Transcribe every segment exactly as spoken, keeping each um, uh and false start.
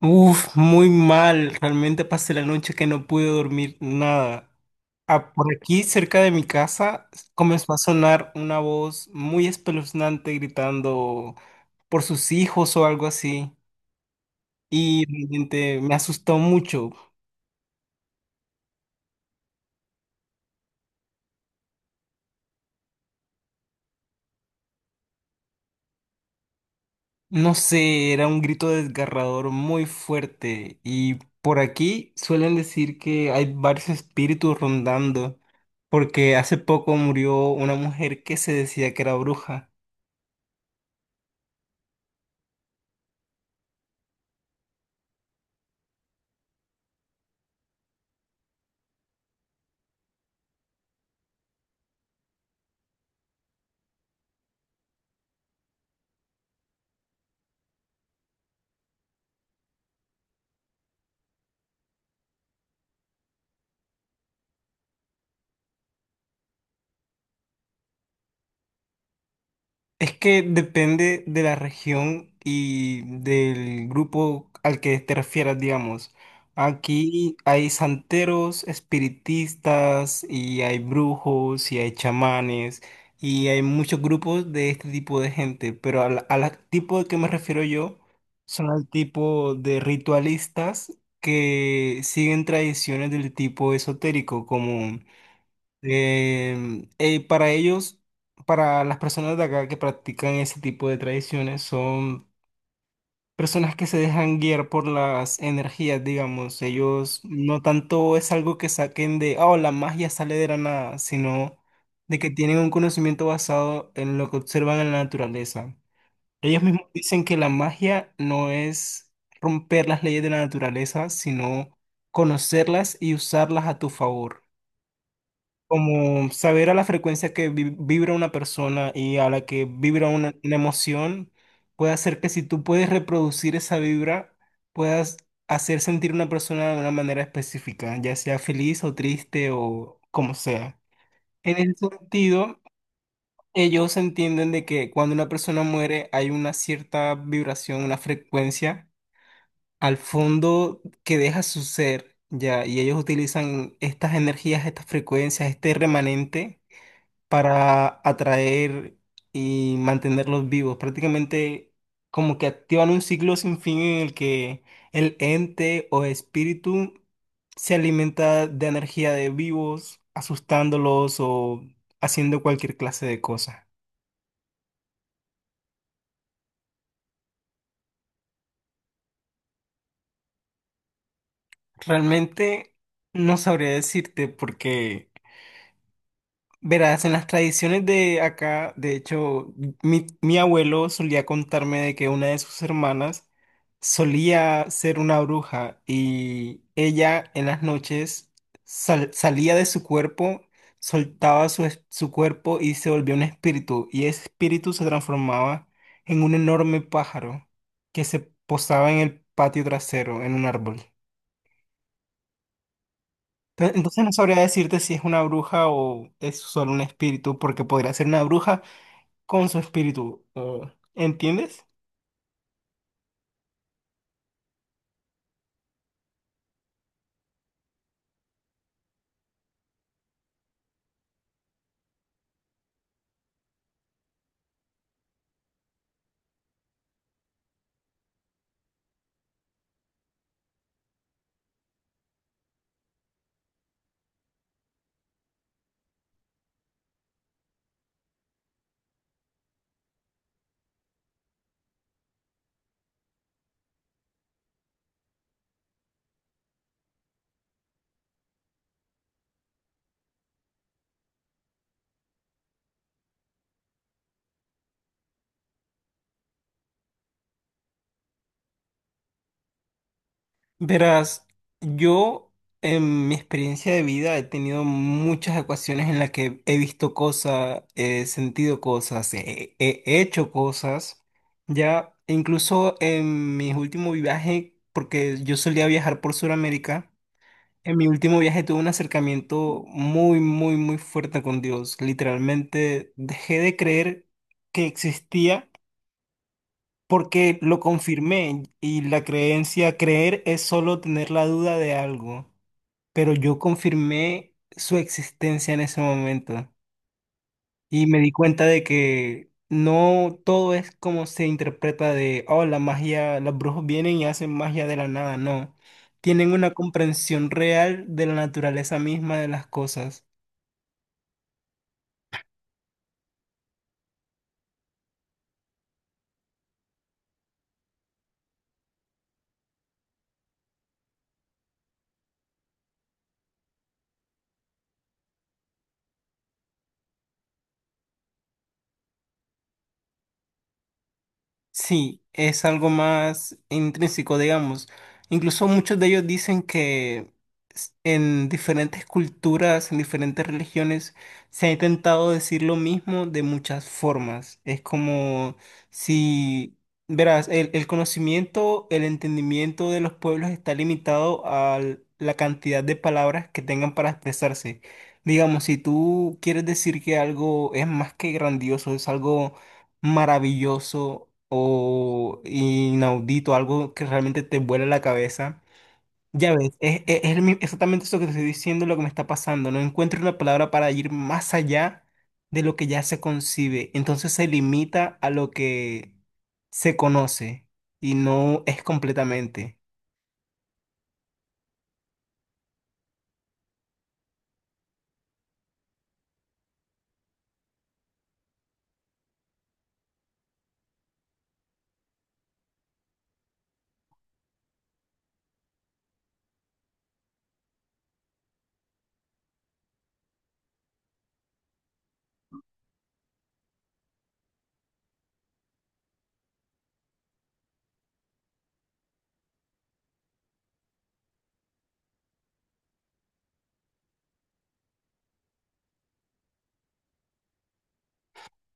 Uf, muy mal. Realmente pasé la noche que no pude dormir nada. Ah, por aquí, cerca de mi casa, comenzó a sonar una voz muy espeluznante gritando por sus hijos o algo así. Y realmente me asustó mucho. No sé, era un grito desgarrador muy fuerte. Y por aquí suelen decir que hay varios espíritus rondando, porque hace poco murió una mujer que se decía que era bruja. Es que depende de la región y del grupo al que te refieras, digamos. Aquí hay santeros, espiritistas, y hay brujos, y hay chamanes, y hay muchos grupos de este tipo de gente, pero al, al tipo de que me refiero yo son al tipo de ritualistas que siguen tradiciones del tipo esotérico, como Em, eh, para ellos, para las personas de acá que practican ese tipo de tradiciones, son personas que se dejan guiar por las energías, digamos. Ellos no tanto es algo que saquen de, oh, la magia sale de la nada, sino de que tienen un conocimiento basado en lo que observan en la naturaleza. Ellos mismos dicen que la magia no es romper las leyes de la naturaleza, sino conocerlas y usarlas a tu favor. Como saber a la frecuencia que vi- vibra una persona y a la que vibra una, una emoción puede hacer que si tú puedes reproducir esa vibra, puedas hacer sentir a una persona de una manera específica, ya sea feliz o triste o como sea. En ese sentido, ellos entienden de que cuando una persona muere hay una cierta vibración, una frecuencia al fondo que deja su ser, ya, y ellos utilizan estas energías, estas frecuencias, este remanente para atraer y mantenerlos vivos. Prácticamente como que activan un ciclo sin fin en el que el ente o espíritu se alimenta de energía de vivos, asustándolos o haciendo cualquier clase de cosa. Realmente no sabría decirte porque verás, en las tradiciones de acá, de hecho, mi, mi abuelo solía contarme de que una de sus hermanas solía ser una bruja y ella en las noches sal- salía de su cuerpo, soltaba su, es- su cuerpo y se volvía un espíritu y ese espíritu se transformaba en un enorme pájaro que se posaba en el patio trasero, en un árbol. Entonces entonces no sabría decirte si es una bruja o es solo un espíritu, porque podría ser una bruja con su espíritu. Uh, ¿entiendes? Verás, yo en mi experiencia de vida he tenido muchas ocasiones en las que he visto cosas, he sentido cosas, he, he- he hecho cosas. Ya, e incluso en mi último viaje, porque yo solía viajar por Sudamérica, en mi último viaje tuve un acercamiento muy, muy, muy fuerte con Dios. Literalmente dejé de creer que existía. Porque lo confirmé y la creencia, creer es solo tener la duda de algo, pero yo confirmé su existencia en ese momento y me di cuenta de que no todo es como se interpreta de, oh, la magia, los brujos vienen y hacen magia de la nada, no, tienen una comprensión real de la naturaleza misma de las cosas. Sí, es algo más intrínseco, digamos. Incluso muchos de ellos dicen que s- en diferentes culturas, en diferentes religiones, se ha intentado decir lo mismo de muchas formas. Es como si, verás, el, el conocimiento, el entendimiento de los pueblos está limitado a la cantidad de palabras que tengan para expresarse. Digamos, si tú quieres decir que algo es más que grandioso, es algo maravilloso o inaudito, algo que realmente te vuela la cabeza. Ya ves, es, es- es mi- exactamente eso que te estoy diciendo, lo que me está pasando. No encuentro una palabra para ir más allá de lo que ya se concibe. Entonces se limita a lo que se conoce y no es completamente.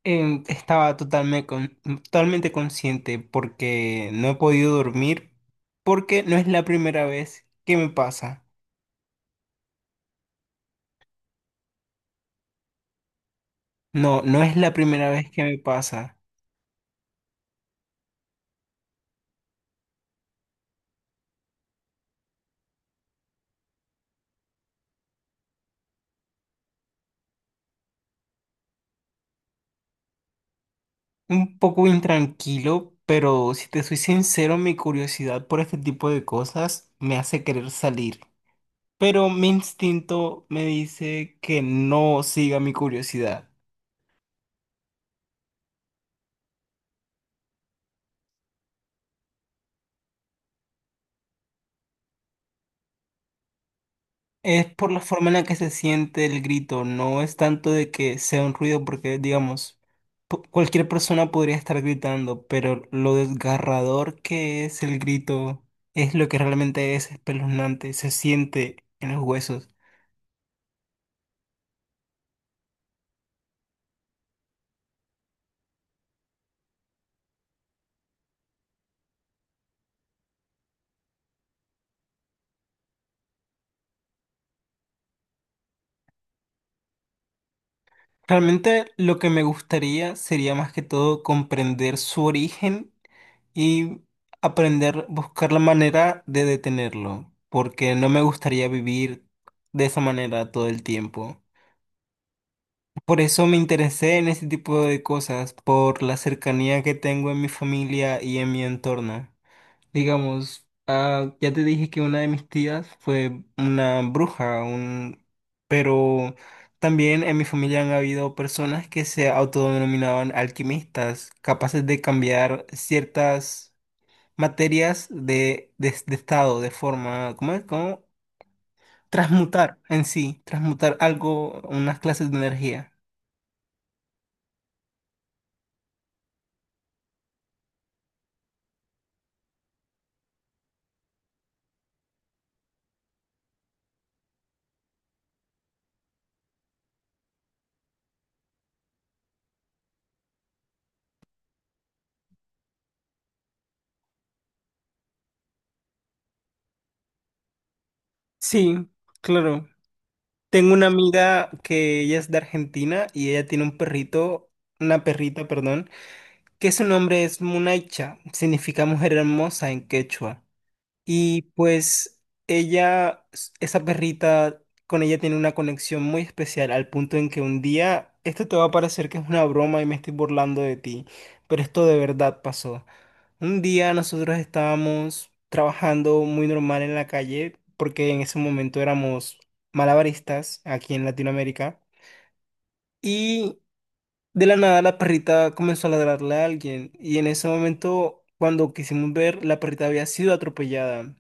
Em, estaba totalmente, totalmente consciente porque no he podido dormir, porque no es la primera vez que me pasa. No, no es la primera vez que me pasa. Un poco intranquilo, pero si te soy sincero, mi curiosidad por este tipo de cosas me hace querer salir. Pero mi instinto me dice que no siga mi curiosidad. Es por la forma en la que se siente el grito, no es tanto de que sea un ruido, porque digamos, pu- cualquier persona podría estar gritando, pero lo desgarrador que es el grito es lo que realmente es espeluznante, se siente en los huesos. Realmente lo que me gustaría sería más que todo comprender su origen y aprender, buscar la manera de detenerlo, porque no me gustaría vivir de esa manera todo el tiempo. Por eso me interesé en ese tipo de cosas, por la cercanía que tengo en mi familia y en mi entorno. Digamos, ah, ya te dije que una de mis tías fue una bruja, un... pero también en mi familia han habido personas que se autodenominaban alquimistas, capaces de cambiar ciertas materias de, de, de estado, de forma, ¿cómo es? ¿Cómo? Transmutar en sí, transmutar algo, unas clases de energía. Sí, claro. Tengo una amiga que ella es de Argentina y ella tiene un perrito, una perrita, perdón, que su nombre es Munaicha, significa mujer hermosa en quechua. Y pues ella, s- esa perrita, con ella tiene una conexión muy especial, al punto en que un día, esto te va a parecer que es una broma y me estoy burlando de ti, pero esto de verdad pasó. Un día nosotros estábamos trabajando muy normal en la calle, porque en ese momento éramos malabaristas aquí en Latinoamérica. Y de la nada la perrita comenzó a ladrarle a alguien y en ese momento, cuando quisimos ver, la perrita había sido atropellada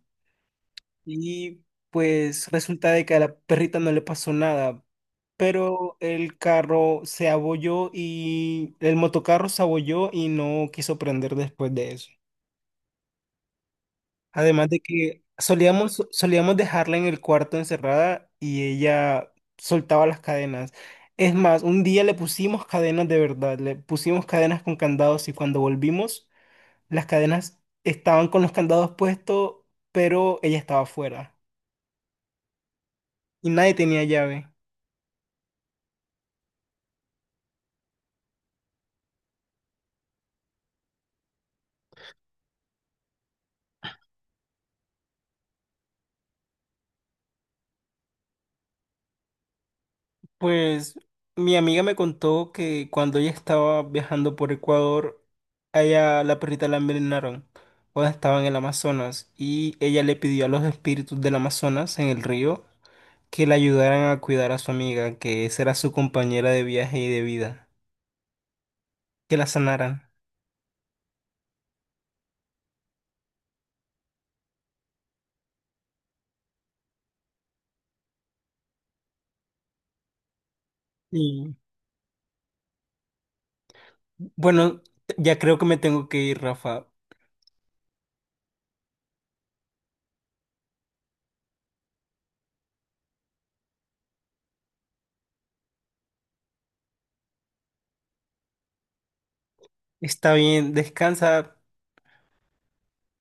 y pues resulta de que a la perrita no le pasó nada, pero el carro se abolló y el motocarro se abolló y no quiso prender después de eso. Además de que solíamos, so, solíamos dejarla en el cuarto encerrada y ella soltaba las cadenas. Es más, un día le pusimos cadenas de verdad, le pusimos cadenas con candados y cuando volvimos, las cadenas estaban con los candados puestos, pero ella estaba afuera y nadie tenía llave. Pues mi amiga me contó que cuando ella estaba viajando por Ecuador, a ella la perrita la envenenaron cuando estaba en el Amazonas y ella le pidió a los espíritus del Amazonas en el río que la ayudaran a cuidar a su amiga, que esa era su compañera de viaje y de vida, que la sanaran. Y bueno, ya creo que me tengo que ir, Rafa. Está bien, descansa.